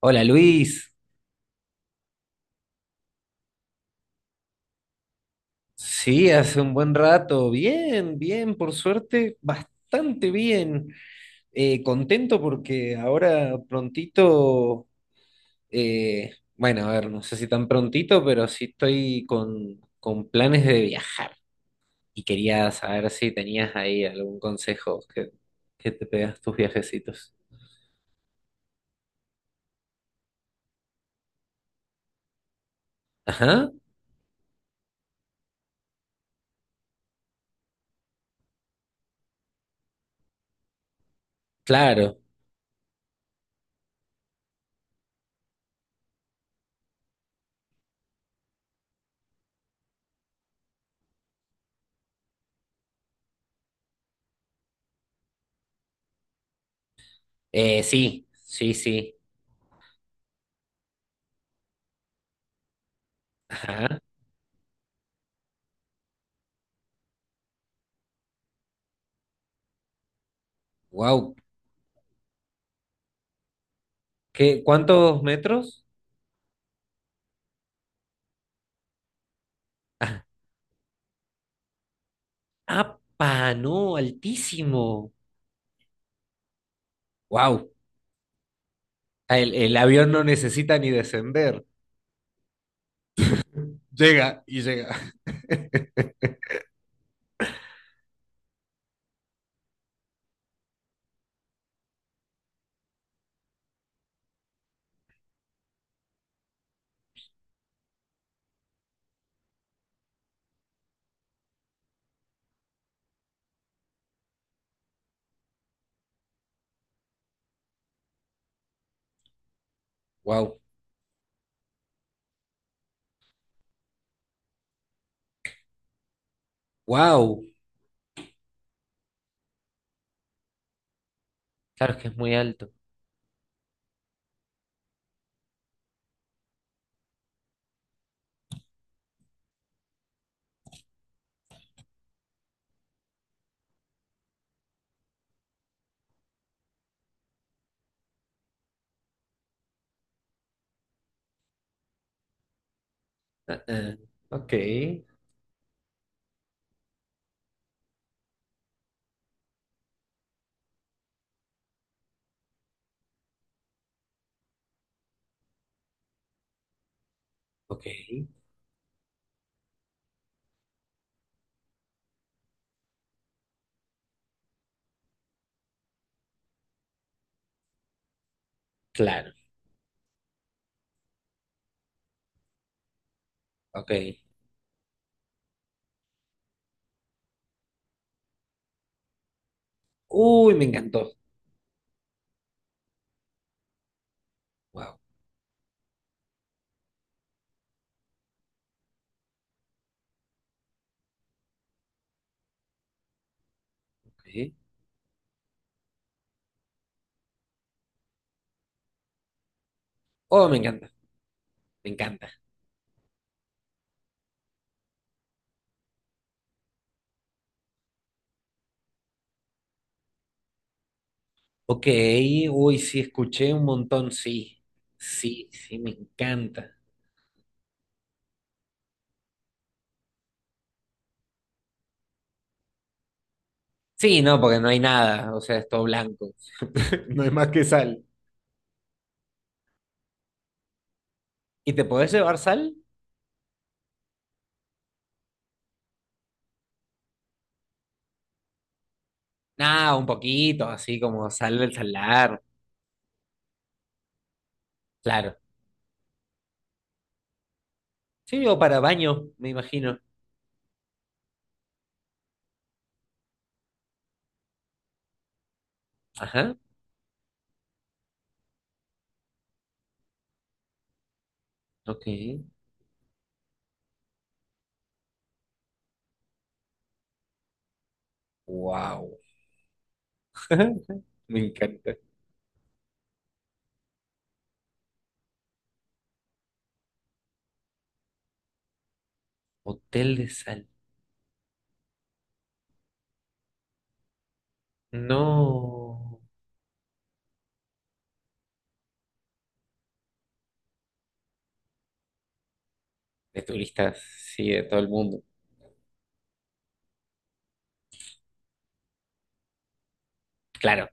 Hola Luis, sí, hace un buen rato, bien, bien, por suerte, bastante bien. Contento porque ahora prontito, bueno, a ver, no sé si tan prontito, pero sí estoy con planes de viajar y quería saber si tenías ahí algún consejo que te pegas tus viajecitos. Ajá, claro. Sí, sí, sí, ajá, wow. ¿Qué, cuántos metros? ¡Apa! No, altísimo. ¡Wow! El avión no necesita ni descender. Llega y llega. ¡Wow! ¡Wow! Claro, es que es muy alto. Ah, ah. Ok, ok. Claro, ok. Uy, me encantó. ¡Wow! Ok. Oh, me encanta, me encanta. Ok, uy, sí, escuché un montón, sí. Sí, sí, me encanta. Sí, no, porque no hay nada, o sea, es todo blanco. No hay más que sal. ¿Y te podés llevar sal? Nada, un poquito, así como sal del salar. Claro. Sí, o para baño, me imagino. Ajá. Ok. Wow. Me encanta. Hotel de sal. No. De turistas, sí, de todo el mundo. Claro,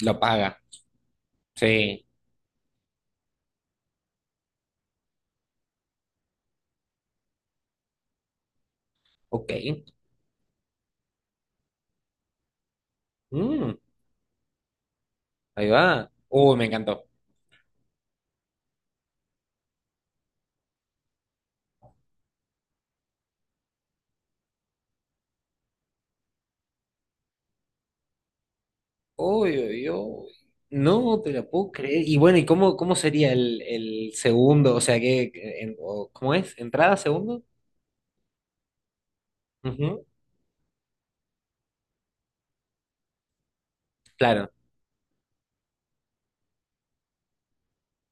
lo paga. Sí. Ok. Mm, ahí va. Uy, me encantó. Uy, uy, uy. No te la puedo creer. Y bueno, ¿y cómo, cómo sería el segundo? O sea, ¿qué, cómo es? ¿Entrada, segundo? Ujú. Claro.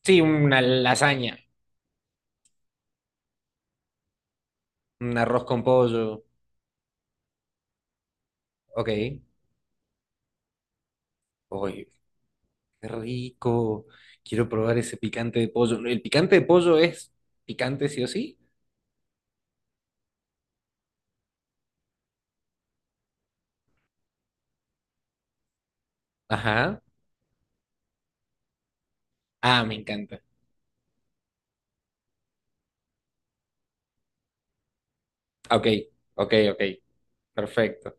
Sí, una lasaña, un arroz con pollo. Ok. Oye, qué rico. Quiero probar ese picante de pollo. ¿El picante de pollo es picante sí o sí? Ajá. Ah, me encanta. Ok, ok, ok. Perfecto.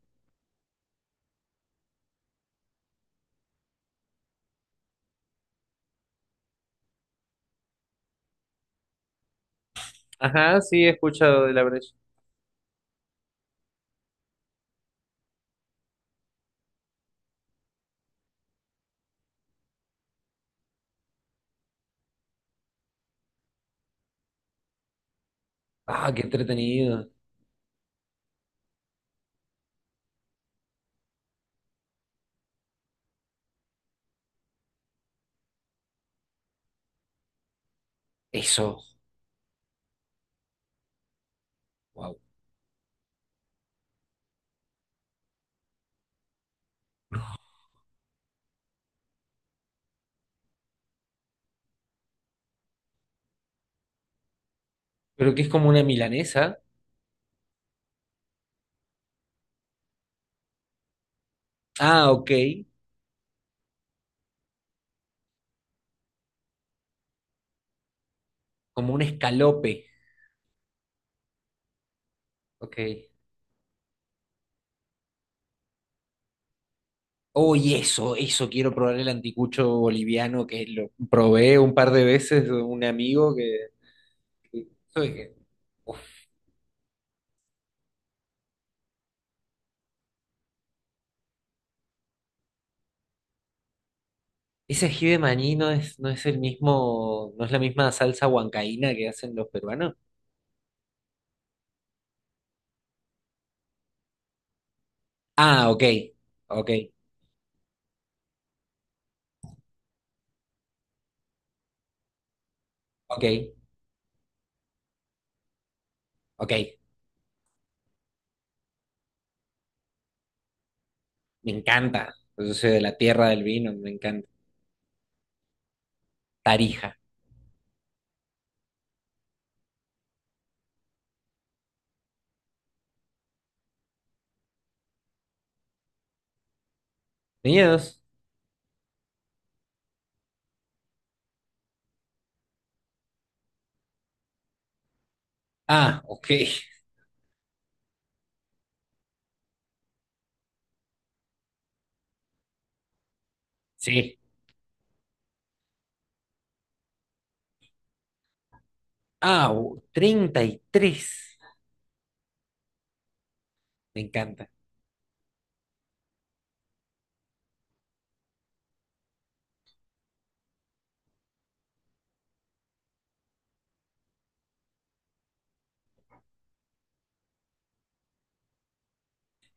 Ajá, sí, he escuchado de la brecha. Ah, qué entretenido. Eso. Wow. Pero que es como una milanesa. Ah, ok. Como un escalope. Ok. Uy, eso, quiero probar el anticucho boliviano que lo probé un par de veces de un amigo que... que- eso de que- uf. Ese ají de maní no es, no es el mismo, no es la misma salsa huancaína que hacen los peruanos. Ah, ok, ok, ok, ok, me encanta. Yo soy de la tierra del vino, me encanta. Tarija. ¿Viñedos? Ah, ok, sí. 33 me encanta.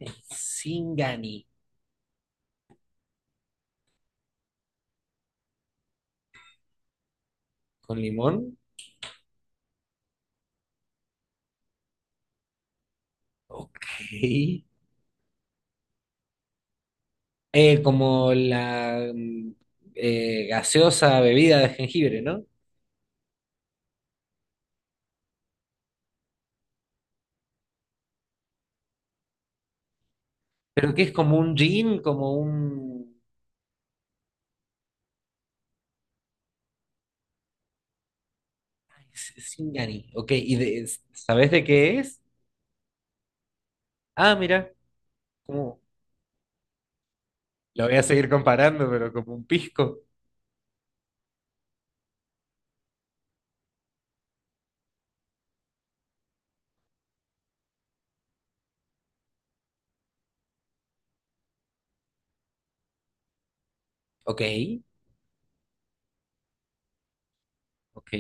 El Singani, con limón. Ok. Como la gaseosa bebida de jengibre, ¿no? Pero que es como un gin, como un... Singani. Ok, ¿y de, sabes de qué es? Ah, mira, como... Lo voy a seguir comparando, pero como un pisco. Ok, ok,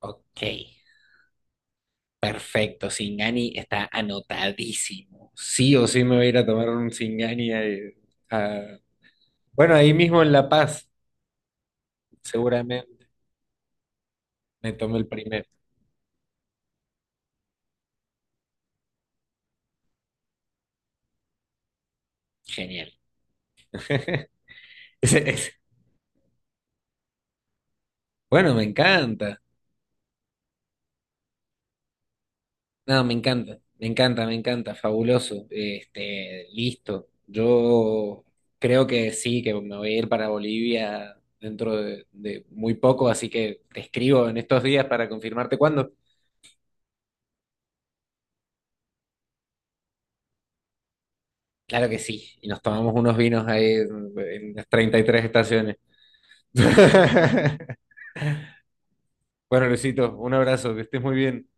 ok. Perfecto, Singani está anotadísimo. Sí o sí me voy a ir a tomar un Singani. A- Bueno, ahí mismo en La Paz, seguramente me tomé el primero. Genial. Ese- ese- Bueno, me encanta. No, me encanta, me encanta, me encanta, fabuloso. Este, listo. Yo creo que sí, que me voy a ir para Bolivia dentro de muy poco, así que te escribo en estos días para confirmarte cuándo. Claro que sí, y nos tomamos unos vinos ahí en las 33 estaciones. Bueno, Luisito, un abrazo, que estés muy bien.